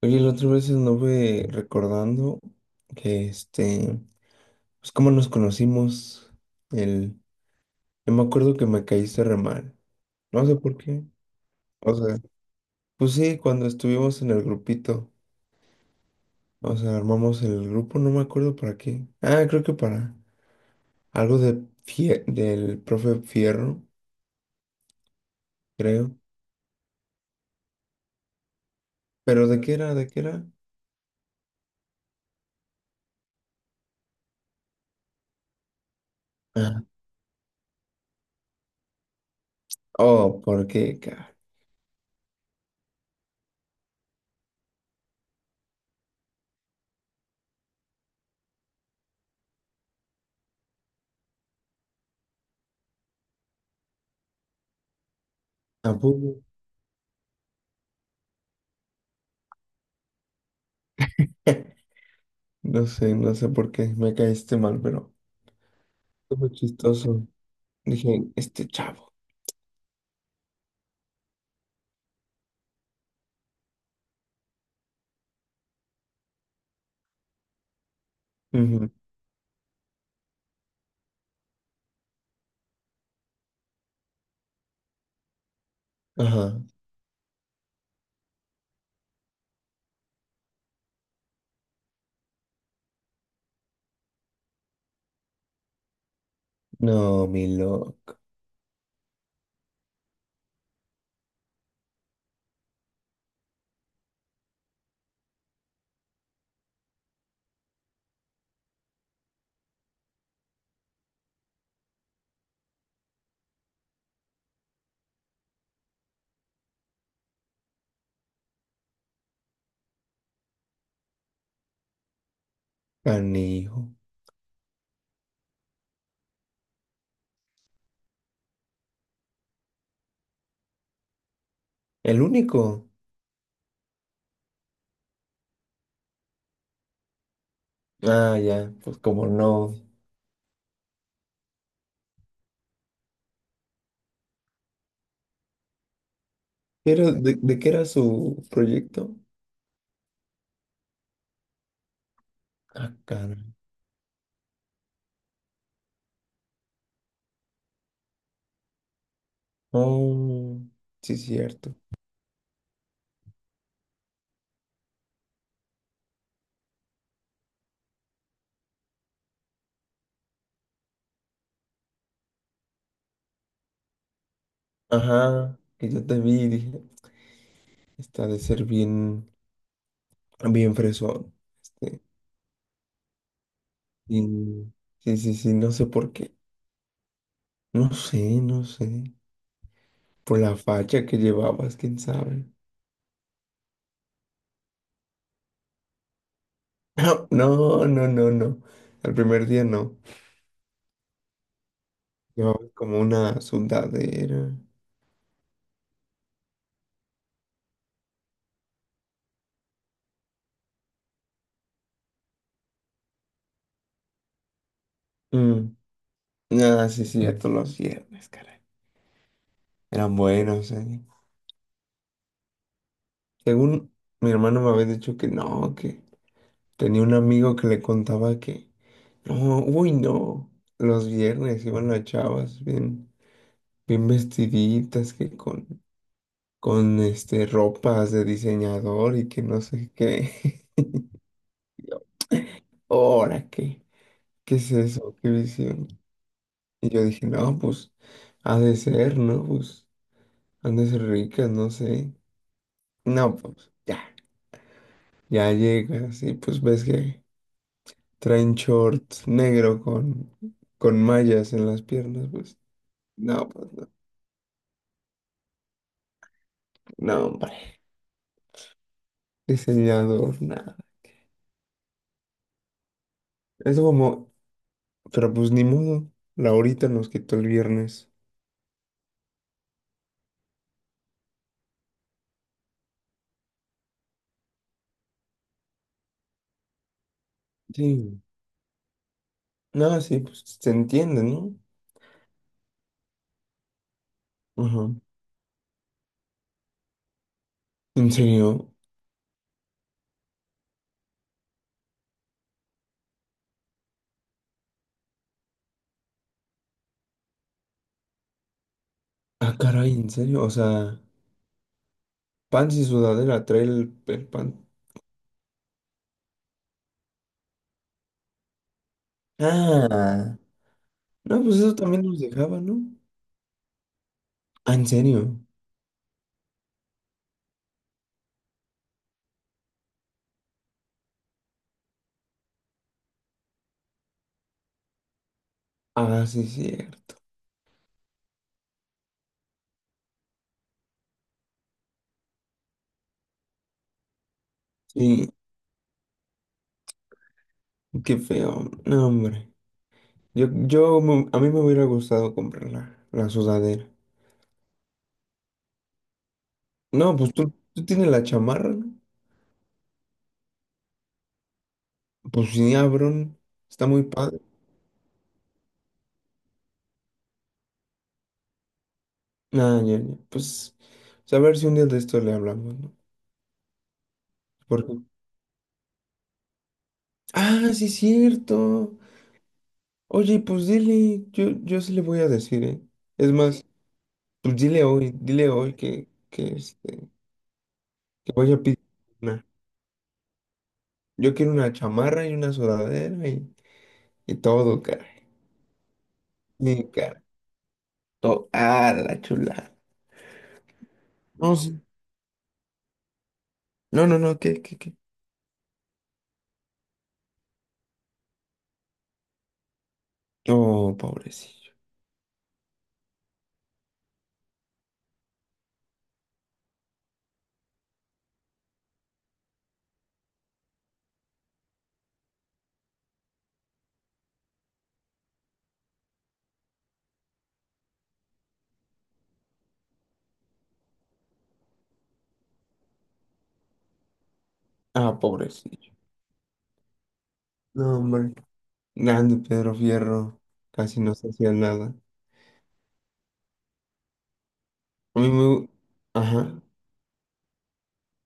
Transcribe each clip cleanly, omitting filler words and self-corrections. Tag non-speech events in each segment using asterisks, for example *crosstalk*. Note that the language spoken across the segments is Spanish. Oye, la otra vez anduve recordando que pues cómo nos conocimos, el, yo me acuerdo que me caíste re mal, no sé por qué, o sea, pues sí, cuando estuvimos en el grupito. O sea, armamos el grupo, no me acuerdo para qué. Creo que para algo de del profe Fierro, creo. Pero ¿de qué era? ¿De qué era? Ah, oh, ¿por qué, ¿A poco? *laughs* No sé, no sé por qué me caíste mal, pero fue muy chistoso. Dije, este chavo. Ujú. Ajá. No, mi loco. Canijo. ¿El único? Ah, ya. Pues como no. ¿Qué de qué era su proyecto? Ah, caray. Oh, sí, cierto. Ajá. Que yo te vi y dije, está de ser bien, bien fresón. Este, bien- Sí, sí, sí, no sé por qué. No sé, no sé. Por la facha que llevabas, quién sabe. *laughs* No, no, no, no, no. Al primer día no. Llevaba como una sudadera. Mm. Ah, sí, sí, cierto, los viernes, caray. Eran buenos, eh. Según mi hermano me había dicho que no, que tenía un amigo que le contaba que no, uy, no. Los viernes iban las chavas bien, bien vestiditas, que con este ropas de diseñador y que no sé qué. *laughs* Ahora qué, ¿qué es eso? ¿Qué visión? Y yo dije, no, pues, ha de ser, ¿no? Pues, han de ser ricas, no sé. No, pues, ya. Ya llegas y pues ves que traen shorts negro con mallas en las piernas, pues. No, pues, no. No, hombre. Diseñador, nada. Eso como, pero pues ni modo. La horita nos quitó el viernes. Sí. No, sí, pues se entiende, ¿no? Ajá. ¿En serio? Ah, caray, ¿en serio? O sea, pants y sudadera, trae el Ah, no, pues eso también nos dejaba, ¿no? Ah, ¿en serio? Ah, sí, cierto. Sí, qué feo. No, hombre. A mí me hubiera gustado comprar la sudadera. No, pues tú tienes la chamarra, ¿no? Pues sí, abrón. Está muy padre. Ah, ya, ya. Pues, pues, a ver si un día de esto le hablamos, ¿no? Porque... Ah, sí, cierto. Oye, pues dile, yo sí le voy a decir, ¿eh? Es más, pues dile hoy que este... que voy a pedir una. Yo quiero una chamarra y una sudadera y todo, cara. Mi cara. Todo. Ah, la chulada. No, sí. No, no, no, ¿qué, qué, qué? Oh, pobrecillo. Ah, pobrecillo. No, hombre. Grande Pedro Fierro. Casi no se hacía nada. A mí me... hu- Ajá.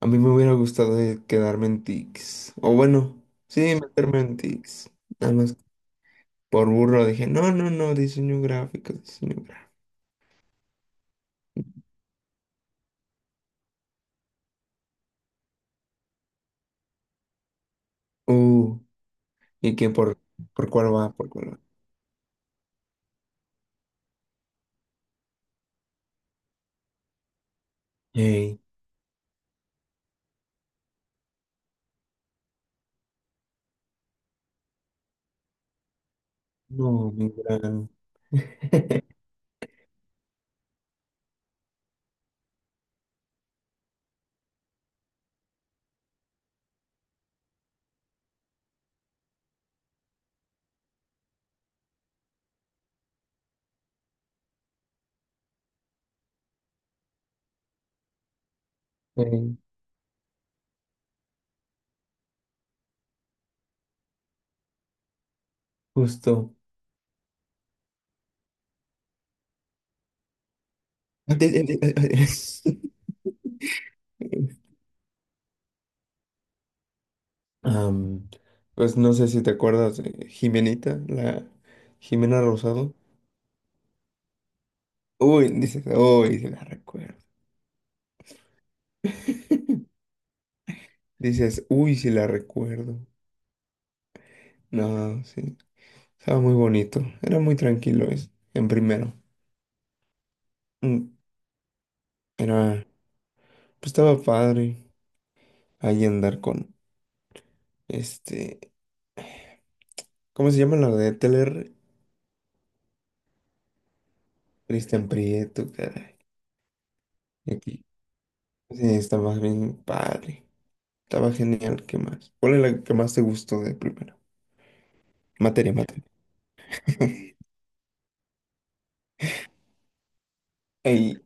A mí me hubiera gustado quedarme en Tix. O bueno, sí, meterme en Tix. Nada más por burro dije, no, no, no, diseño gráfico, diseño gráfico. Uh. ¿Y que por cuál va? ¿Por cuál va? Ey, no, mi gran. *laughs* Ey, justo. Antes- antes- antes- *laughs* Am, pues no sé si te acuerdas de Jimenita, la Jimena Rosado. Uy, dices, uy, si la recuerdo. *laughs* Dices, uy, si la recuerdo. No, sí. Estaba muy bonito. Era muy tranquilo es, en primero. Mm. Era, pues estaba padre ahí andar con este. ¿Cómo se llama la de Teller? Cristian Prieto, caray. Aquí. Sí, está más bien padre. Estaba genial. ¿Qué más? ¿Cuál es la que más te gustó de primero? Materia, materia. *laughs* Ey,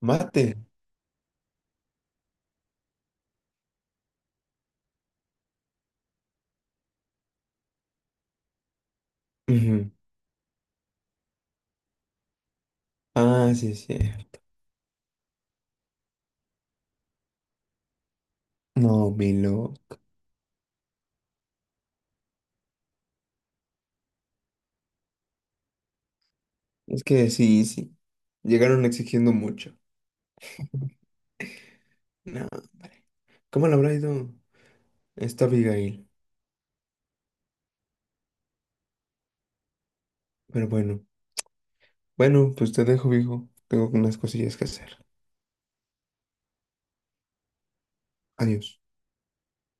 mate. Ujú. Ah, sí, sí. No, mi loco. Es que sí, sí. Llegaron exigiendo mucho. No. ¿Cómo le habrá ido esta Abigail? Pero bueno. Bueno, pues te dejo, viejo. Tengo unas cosillas que hacer. Adiós.